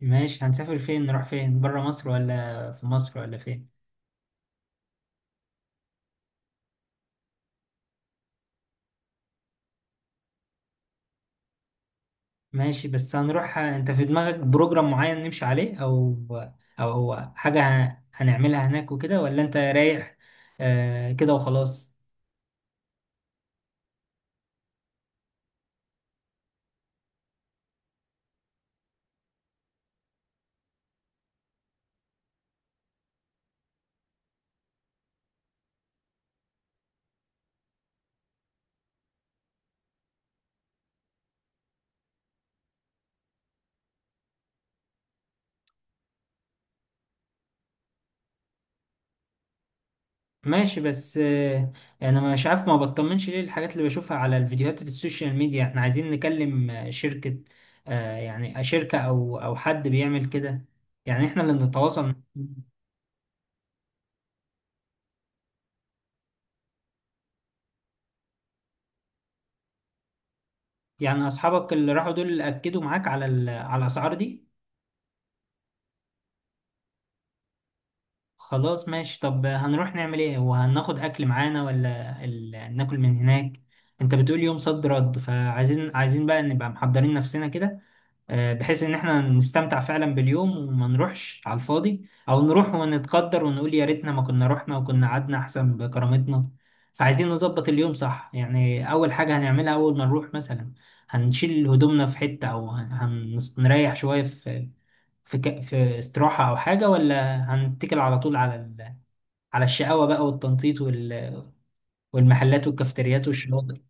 ماشي، هنسافر فين؟ نروح فين؟ بره مصر، ولا في مصر، ولا فين؟ ماشي، بس هنروح، انت في دماغك بروجرام معين نمشي عليه، او هو حاجة هنعملها هناك وكده، ولا انت رايح؟ آه، كده وخلاص. ماشي، بس انا مش عارف، ما بطمنش ليه الحاجات اللي بشوفها على الفيديوهات اللي السوشيال ميديا. احنا عايزين نكلم شركة، يعني شركة او حد بيعمل كده، يعني احنا اللي نتواصل. يعني اصحابك اللي راحوا دول اكدوا معاك على على الاسعار دي؟ خلاص، ماشي، طب هنروح نعمل ايه؟ وهناخد اكل معانا ولا ناكل من هناك؟ انت بتقول يوم صد رد، فعايزين بقى نبقى محضرين نفسنا كده، بحيث ان احنا نستمتع فعلا باليوم، وما نروحش على الفاضي، او نروح ونتقدر ونقول يا ريتنا ما كنا رحنا وكنا قعدنا احسن بكرامتنا. فعايزين نظبط اليوم صح، يعني اول حاجة هنعملها اول ما نروح، مثلا هنشيل هدومنا في حتة، او هنريح شوية في في استراحة او حاجة، ولا هنتكل على طول على على الشقاوة بقى والتنطيط والمحلات والكافتريات والشواطئ؟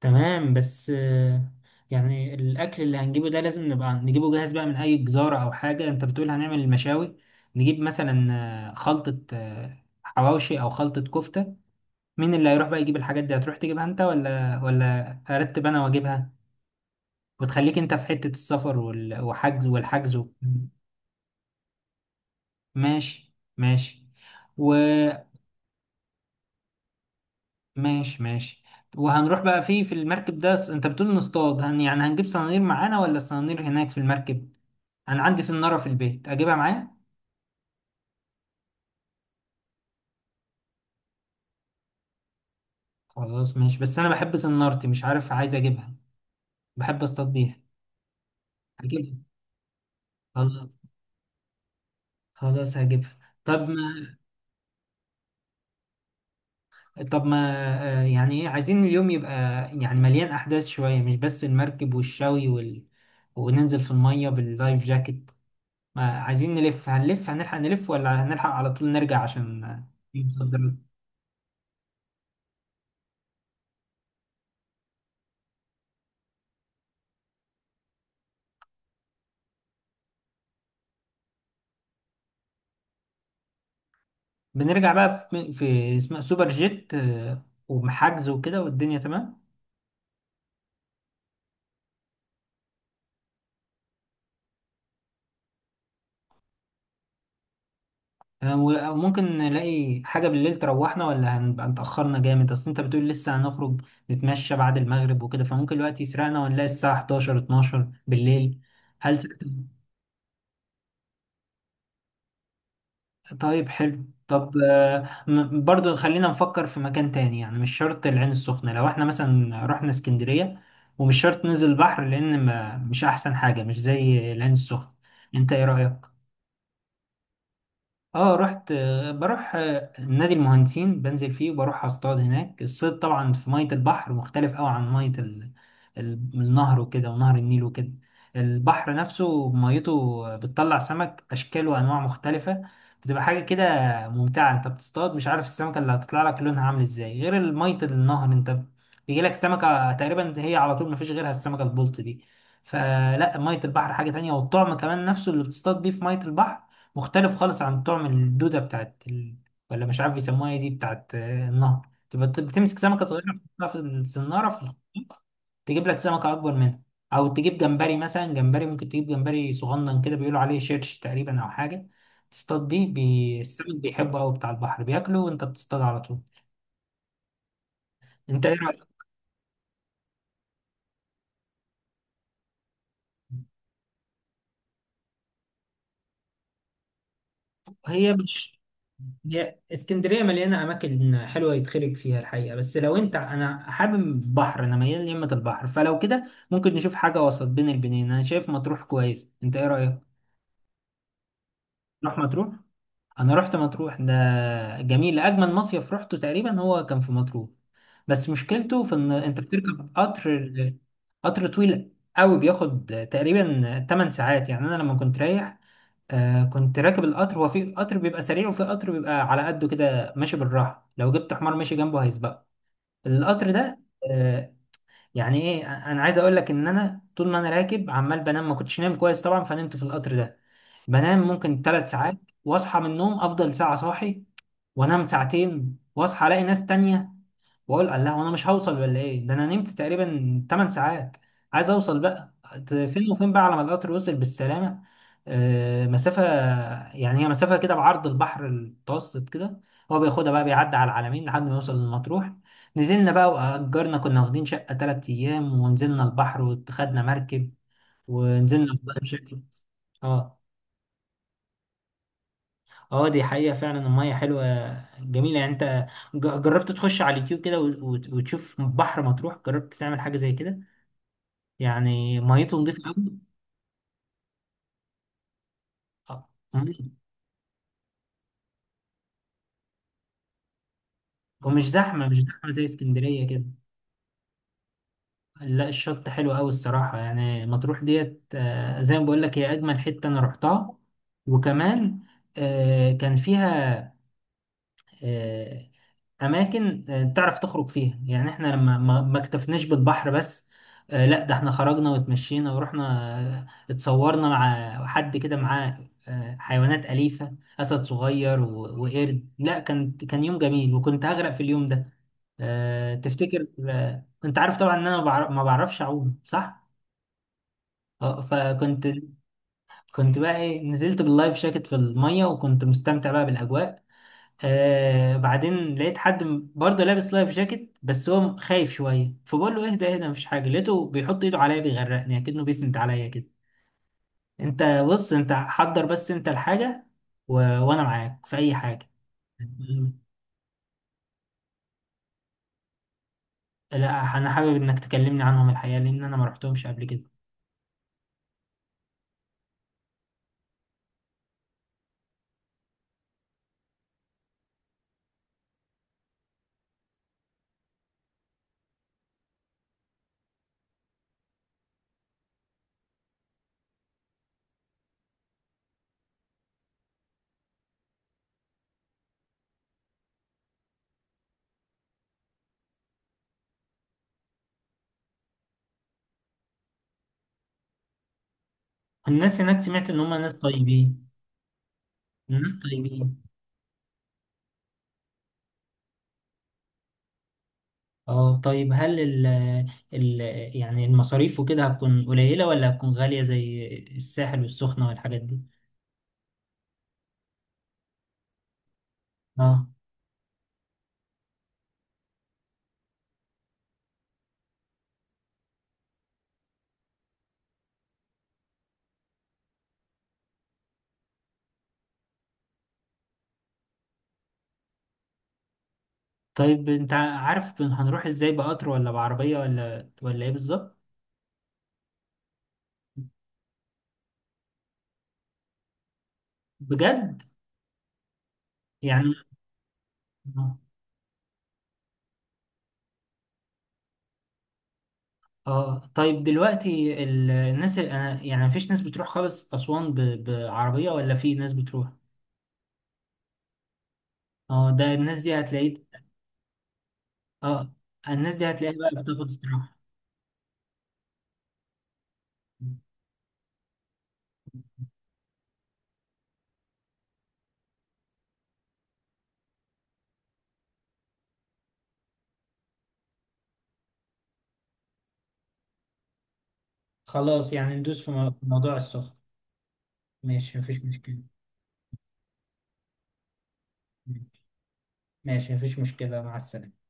تمام، بس يعني الأكل اللي هنجيبه ده لازم نبقى نجيبه جاهز بقى من أي جزارة أو حاجة. أنت بتقول هنعمل المشاوي، نجيب مثلا خلطة، حواوشي أو خلطة كفتة. مين اللي هيروح بقى يجيب الحاجات دي؟ هتروح تجيبها أنت ولا أرتب أنا وأجيبها، وتخليك أنت في حتة السفر وحجز والحجز و... ماشي، ماشي، وماشي، ماشي، وهنروح بقى فيه في المركب ده. أنت بتقول نصطاد، يعني هنجيب صنانير معانا، ولا الصنانير هناك في المركب؟ انا عندي سنارة في البيت، اجيبها معايا. خلاص، ماشي، بس انا بحب سنارتي، مش عارف، عايز اجيبها، بحب اصطاد بيها. هجيبها. خلاص، خلاص، هجيبها. طب ما، طب ما، يعني ايه عايزين اليوم يبقى؟ يعني مليان احداث شوية، مش بس المركب والشوي وننزل في المية باللايف جاكيت. ما عايزين نلف؟ هنلف، هنلحق نلف، ولا هنلحق على طول نرجع عشان نتصدر؟ بنرجع بقى في اسمها سوبر جيت، ومحجز وكده والدنيا تمام. تمام، وممكن نلاقي حاجة بالليل تروحنا، ولا هنبقى اتأخرنا جامد؟ أصل أنت بتقول لسه هنخرج نتمشى بعد المغرب وكده، فممكن الوقت يسرقنا ونلاقي الساعة 11 12 بالليل. هل؟ طيب، حلو، طب برضو خلينا نفكر في مكان تاني، يعني مش شرط العين السخنة، لو احنا مثلا رحنا اسكندرية. ومش شرط ننزل البحر، لأن ما مش أحسن حاجة، مش زي العين السخنة. أنت إيه رأيك؟ اه، رحت، بروح، نادي المهندسين بنزل فيه، وبروح اصطاد هناك. الصيد طبعا في مية البحر مختلف قوي عن مية النهر وكده، ونهر النيل وكده. البحر نفسه ميته بتطلع سمك اشكال وانواع مختلفة، بتبقى حاجة كده ممتعة. انت بتصطاد، مش عارف السمكة اللي هتطلع لك لونها عامل ازاي، غير مية النهر، انت بيجيلك سمكة تقريبا هي على طول مفيش غيرها، السمكة البلطي دي. فلا، مية البحر حاجة تانية، والطعم كمان نفسه اللي بتصطاد بيه في مية البحر مختلف خالص عن طعم الدودة بتاعت ولا مش عارف يسموها ايه، دي بتاعت النهر، تبقى بتمسك سمكة صغيرة، تحطها في الصنارة في الخلاط، تجيب لك سمكة أكبر منها. أو تجيب جمبري، مثلا جمبري ممكن تجيب جمبري صغنن كده، بيقولوا عليه شيرش تقريبا أو حاجة، تصطاد بيه السمك بيحبه أوي بتاع البحر، بياكله وأنت بتصطاد على طول. أنت إيه رأيك؟ هي مش هي اسكندريه مليانه اماكن حلوه يتخرج فيها الحقيقه، بس لو انت... انا حابب بحر، انا ميال ليمة البحر، فلو كده ممكن نشوف حاجه وسط بين البنين. انا شايف مطروح كويس، انت ايه رايك؟ نروح مطروح. انا رحت مطروح ده، جميل، اجمل مصيف رحته تقريبا هو كان في مطروح. بس مشكلته في ان انت بتركب قطر، قطر طويل قوي، بياخد تقريبا 8 ساعات. يعني انا لما كنت رايح، كنت راكب القطر، هو في قطر بيبقى سريع وفي قطر بيبقى على قده كده ماشي بالراحه، لو جبت حمار ماشي جنبه هيسبقه القطر ده. آه يعني ايه، انا عايز اقول لك ان انا طول ما انا راكب عمال بنام، ما كنتش نايم كويس طبعا فنمت في القطر ده. بنام ممكن 3 ساعات، واصحى من النوم افضل ساعة صاحي، وانام ساعتين واصحى الاقي ناس تانية، واقول الله وانا مش هوصل ولا ايه، ده انا نمت تقريبا 8 ساعات، عايز اوصل بقى. فين وفين بقى على ما القطر وصل بالسلامة. مسافة يعني، هي مسافة كده بعرض البحر المتوسط كده، هو بياخدها بقى بيعدي على العلمين لحد ما يوصل لمطروح. نزلنا بقى، وأجرنا كنا واخدين شقة 3 أيام، ونزلنا البحر وخدنا مركب، ونزلنا بقى بشكل... اه، اه، دي حقيقة فعلا، المية حلوة، جميلة يعني. انت جربت تخش على اليوتيوب كده وتشوف بحر مطروح، جربت تعمل حاجة زي كده؟ يعني ميته نضيفة قوي. مم. ومش زحمة، مش زحمة، زي اسكندرية كده. لا، الشط حلو قوي الصراحة، يعني مطروح ديت زي ما بقول لك هي أجمل حتة أنا رحتها. وكمان، كان فيها آه، اماكن تعرف تخرج فيها، يعني احنا لما ما اكتفناش بالبحر بس، لا ده احنا خرجنا واتمشينا ورحنا، اتصورنا مع حد كده معاه، حيوانات أليفة، أسد صغير وقرد. لا، كان يوم جميل. وكنت هغرق في اليوم ده، تفتكر، انت عارف طبعا ان انا ما بعرفش اعوم صح. اه، فكنت... كنت بقى ايه، نزلت باللايف جاكيت في الميه وكنت مستمتع بقى بالاجواء. بعدين لقيت حد برضه لابس لايف جاكيت، بس هو خايف شويه، فبقول له اهدى، اهدى، مفيش حاجه، لقيته بيحط ايده عليا بيغرقني اكنه بيسند عليا كده. انت بص، انت حضر، بس انت الحاجه وانا معاك في اي حاجه. لا، انا حابب انك تكلمني عنهم الحقيقه، لان انا ما رحتهمش قبل كده. الناس هناك سمعت ان هم ناس طيبين. الناس طيبين. اه، طيب، هل ال... يعني المصاريف وكده هتكون قليله ولا هتكون غاليه زي الساحل والسخنه والحاجات دي؟ اه، طيب، انت عارف هنروح ازاي؟ بقطر ولا بعربية ولا ايه بالظبط؟ بجد؟ يعني اه، طيب دلوقتي الناس، انا يعني مفيش ناس بتروح خالص اسوان بعربية ولا في ناس بتروح؟ اه، ده الناس دي هتلاقيه. اه، الناس دي هتلاقيها بقى بتاخد استراحة. خلاص، يعني ندوس في في موضوع السخن. ماشي، مفيش مشكلة. ماشي، مفيش مشكلة، مع السلامة.